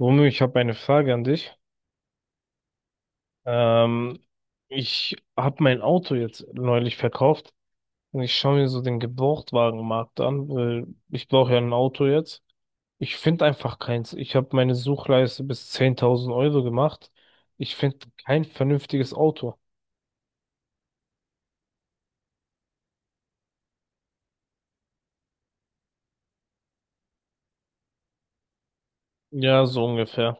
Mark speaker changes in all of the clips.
Speaker 1: Romeo, ich habe eine Frage an dich. Ähm, Ich habe mein Auto jetzt neulich verkauft und ich schaue mir so den Gebrauchtwagenmarkt an, weil ich brauche ja ein Auto jetzt. Ich finde einfach keins. Ich habe meine Suchleiste bis 10.000 Euro gemacht. Ich finde kein vernünftiges Auto. Ja, so ungefähr.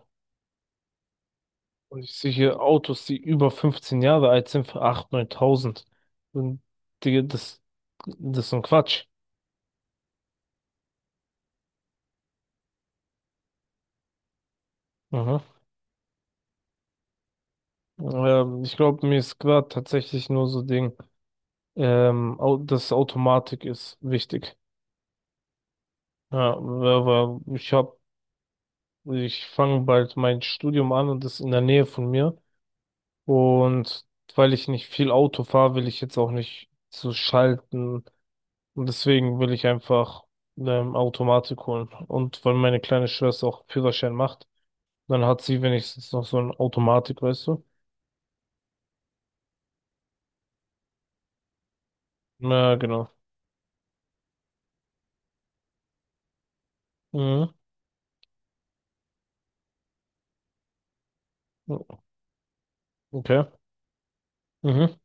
Speaker 1: Und ich sehe hier Autos, die über 15 Jahre alt sind, für 8.000, 9.000. Und Digga, das ist so ein Quatsch. Mhm. Ich glaube, mir ist gerade tatsächlich nur so Ding. Das Automatik ist wichtig. Ja, aber ich fange bald mein Studium an und das ist in der Nähe von mir. Und weil ich nicht viel Auto fahre, will ich jetzt auch nicht so schalten. Und deswegen will ich einfach Automatik holen. Und weil meine kleine Schwester auch Führerschein macht, dann hat sie wenigstens noch so eine Automatik, weißt du? Ja, genau. Mhm. Okay. Mhm.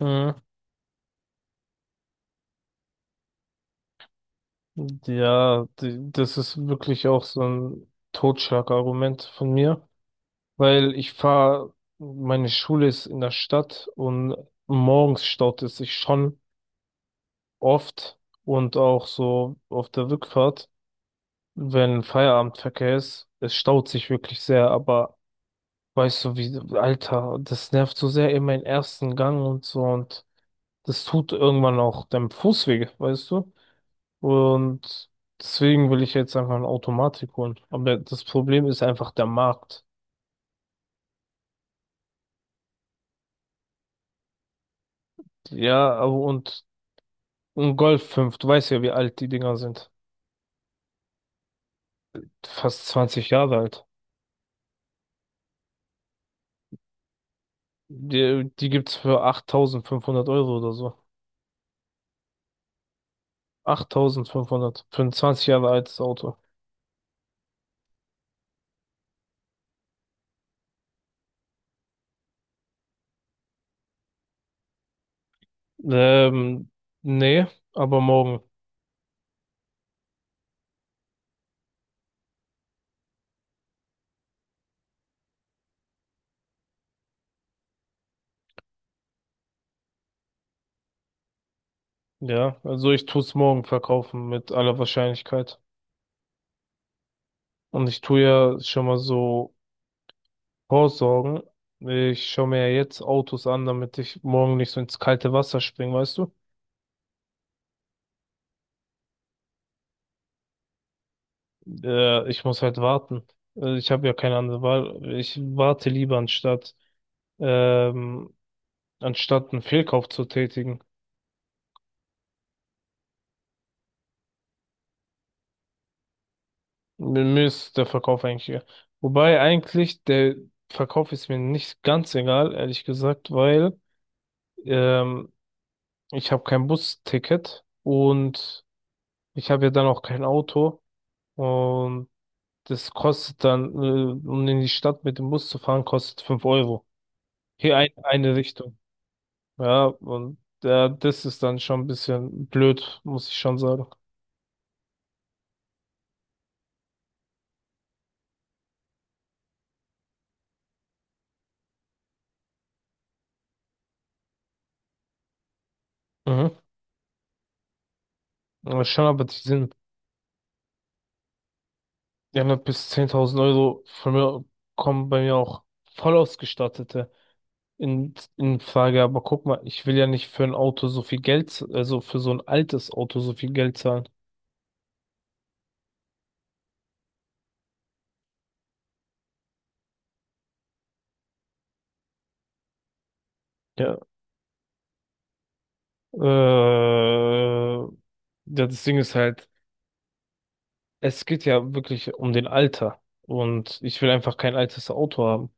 Speaker 1: Mhm. Ja, das ist wirklich auch so ein Totschlagargument von mir, weil meine Schule ist in der Stadt und morgens staut es sich schon oft und auch so auf der Rückfahrt, wenn Feierabendverkehr ist, es staut sich wirklich sehr, aber weißt du wie, Alter, das nervt so sehr in meinen ersten Gang und so und das tut irgendwann auch deinem Fuß weh, weißt du? Und deswegen will ich jetzt einfach eine Automatik holen. Aber das Problem ist einfach der Markt. Ja, aber und ein Golf 5 du weißt ja, wie alt die Dinger sind. Fast zwanzig Jahre alt. Die gibt's für 8.500 Euro oder so. 8.500 für ein 20 Jahre altes Auto. Ähm, Nee, aber morgen. Ja, also ich tu's morgen verkaufen mit aller Wahrscheinlichkeit. Und ich tu ja schon mal so vorsorgen. Ich schaue mir ja jetzt Autos an, damit ich morgen nicht so ins kalte Wasser springe, weißt du? Ich muss halt warten. Ich habe ja keine andere Wahl. Ich warte lieber ähm, anstatt einen Fehlkauf zu tätigen. Mir ist der Verkauf eigentlich egal. Wobei eigentlich der Verkauf ist mir nicht ganz egal, ehrlich gesagt, weil ähm, ich habe kein Busticket und ich habe ja dann auch kein Auto und das kostet dann, um in die Stadt mit dem Bus zu fahren, kostet 5 Euro. Hier eine Richtung. Ja, und das ist dann schon ein bisschen blöd, muss ich schon sagen. Mhm. Aber schon, aber die sind, ja haben ja bis 10.000 Euro von mir, kommen bei mir auch voll ausgestattete in Frage. Aber guck mal, ich will ja nicht für ein Auto so viel Geld, also für so ein altes Auto so viel Geld zahlen. Ja. Äh, ja, das Ding ist halt, es geht ja wirklich um den Alter. Und ich will einfach kein altes Auto haben.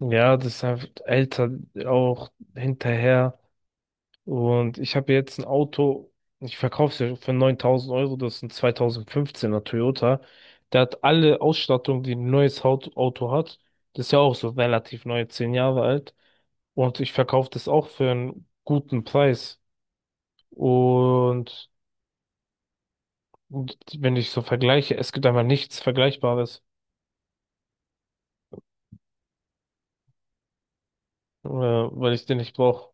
Speaker 1: Ja, das ist einfach älter auch hinterher. Und ich habe jetzt ein Auto, ich verkaufe es ja für 9.000 Euro, das ist ein 2015er Toyota. Der hat alle Ausstattung, die ein neues Auto hat. Das ist ja auch so relativ neu, 10 Jahre alt. Und ich verkaufe das auch für einen guten Preis. Und, und wenn ich so vergleiche, es gibt einfach nichts Vergleichbares. Ja, weil ich den nicht brauche.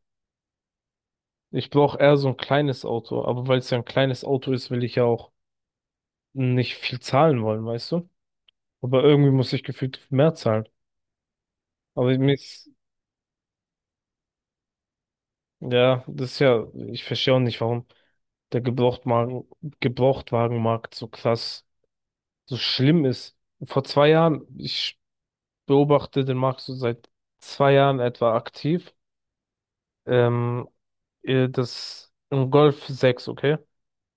Speaker 1: Ich brauche eher so ein kleines Auto, aber weil es ja ein kleines Auto ist, will ich ja auch nicht viel zahlen wollen, weißt du? Aber irgendwie muss ich gefühlt mehr zahlen. Aber mir ist, ja, das ist ja, ich verstehe auch nicht, warum der Gebrauchtwagen, Gebrauchtwagenmarkt so krass, so schlimm ist. Vor zwei Jahren, ich beobachte den Markt so seit zwei Jahren etwa aktiv, ähm, das ein Golf 6 okay?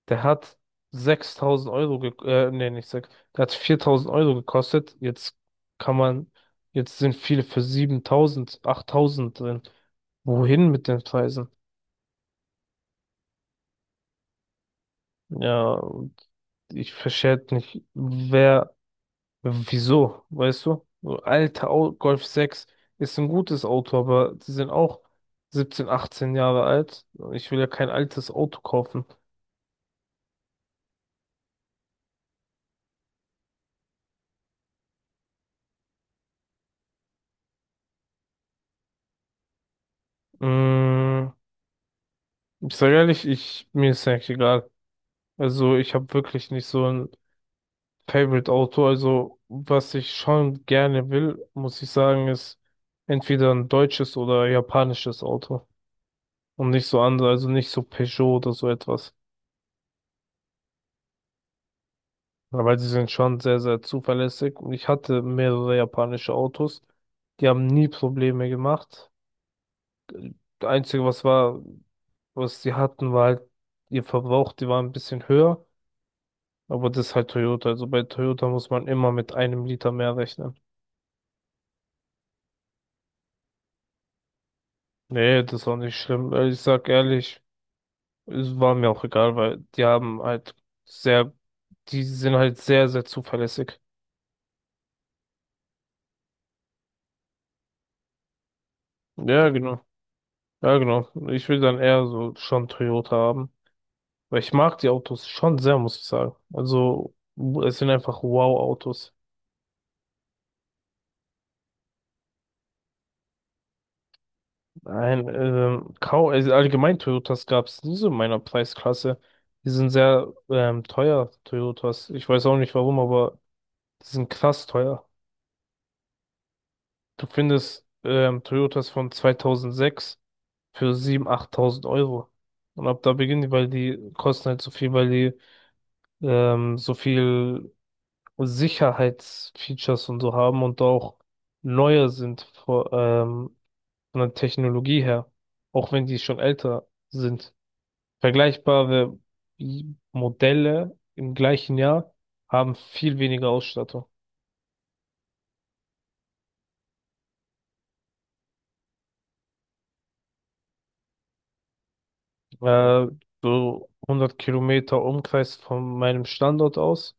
Speaker 1: Der hat 6000 Euro, ge nee, nicht 6, der hat 4.000 Euro gekostet. Kann man, jetzt sind viele für 7.000 8.000 drin. Wohin mit den Preisen? Ja, und ich verstehe halt nicht, wieso, weißt du? So Alter, Golf 6 ist ein gutes Auto, aber die sind auch 17 18 Jahre alt. Ich will ja kein altes Auto kaufen. Mm, ich sage ehrlich, mir ist ja eigentlich egal. Also ich habe wirklich nicht so ein Favorite-Auto. Also was ich schon gerne will, muss ich sagen, ist entweder ein deutsches oder japanisches Auto. Und nicht so andere, also nicht so Peugeot oder so etwas. Weil sie sind schon sehr, sehr zuverlässig. Und ich hatte mehrere japanische Autos. Die haben nie Probleme gemacht. Das Einzige, was war, was sie hatten, war halt ihr Verbrauch, die war ein bisschen höher. Aber das ist halt Toyota. Also bei Toyota muss man immer mit einem Liter mehr rechnen. Nee, das ist auch nicht schlimm. Ich sag ehrlich, es war mir auch egal, weil die haben halt sehr, die sind halt sehr, sehr zuverlässig. Ja, genau. Ja, genau. Ich will dann eher so schon Toyota haben. Weil ich mag die Autos schon sehr, muss ich sagen. Also, es sind einfach Wow-Autos. Nein, kaum, also allgemein Toyotas gab es nie so in meiner Preisklasse. Die sind sehr teuer, Toyotas. Ich weiß auch nicht warum, aber die sind krass teuer. Du findest Toyotas von 2006 für 7.000, 8.000 Euro. Und ab da beginnen die, weil die kosten halt so viel, weil die so viel Sicherheitsfeatures und so haben und auch neuer sind, von der Technologie her. Auch wenn die schon älter sind. Vergleichbare Modelle im gleichen Jahr haben viel weniger Ausstattung. Äh, so 100 Kilometer Umkreis von meinem Standort aus.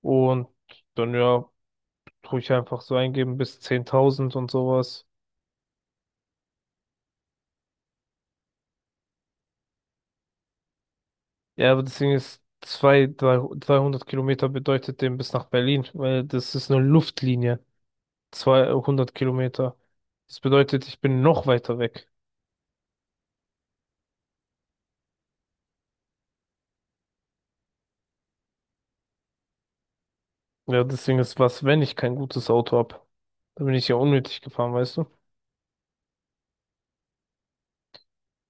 Speaker 1: Und dann ja, tue ich einfach so eingeben bis 10.000 und sowas. Ja, aber deswegen ist 300 Kilometer bedeutet dem bis nach Berlin, weil das ist eine Luftlinie. 200 Kilometer. Das bedeutet, ich bin noch weiter weg. Ja, deswegen ist was, wenn ich kein gutes Auto hab, dann bin ich ja unnötig gefahren, weißt du?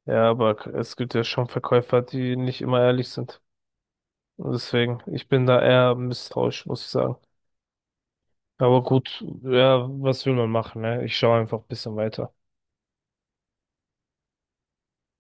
Speaker 1: Ja, aber es gibt ja schon Verkäufer, die nicht immer ehrlich sind. Und deswegen, ich bin da eher misstrauisch, muss ich sagen. Aber gut, ja, was will man machen, ne? Ich schaue einfach ein bisschen weiter.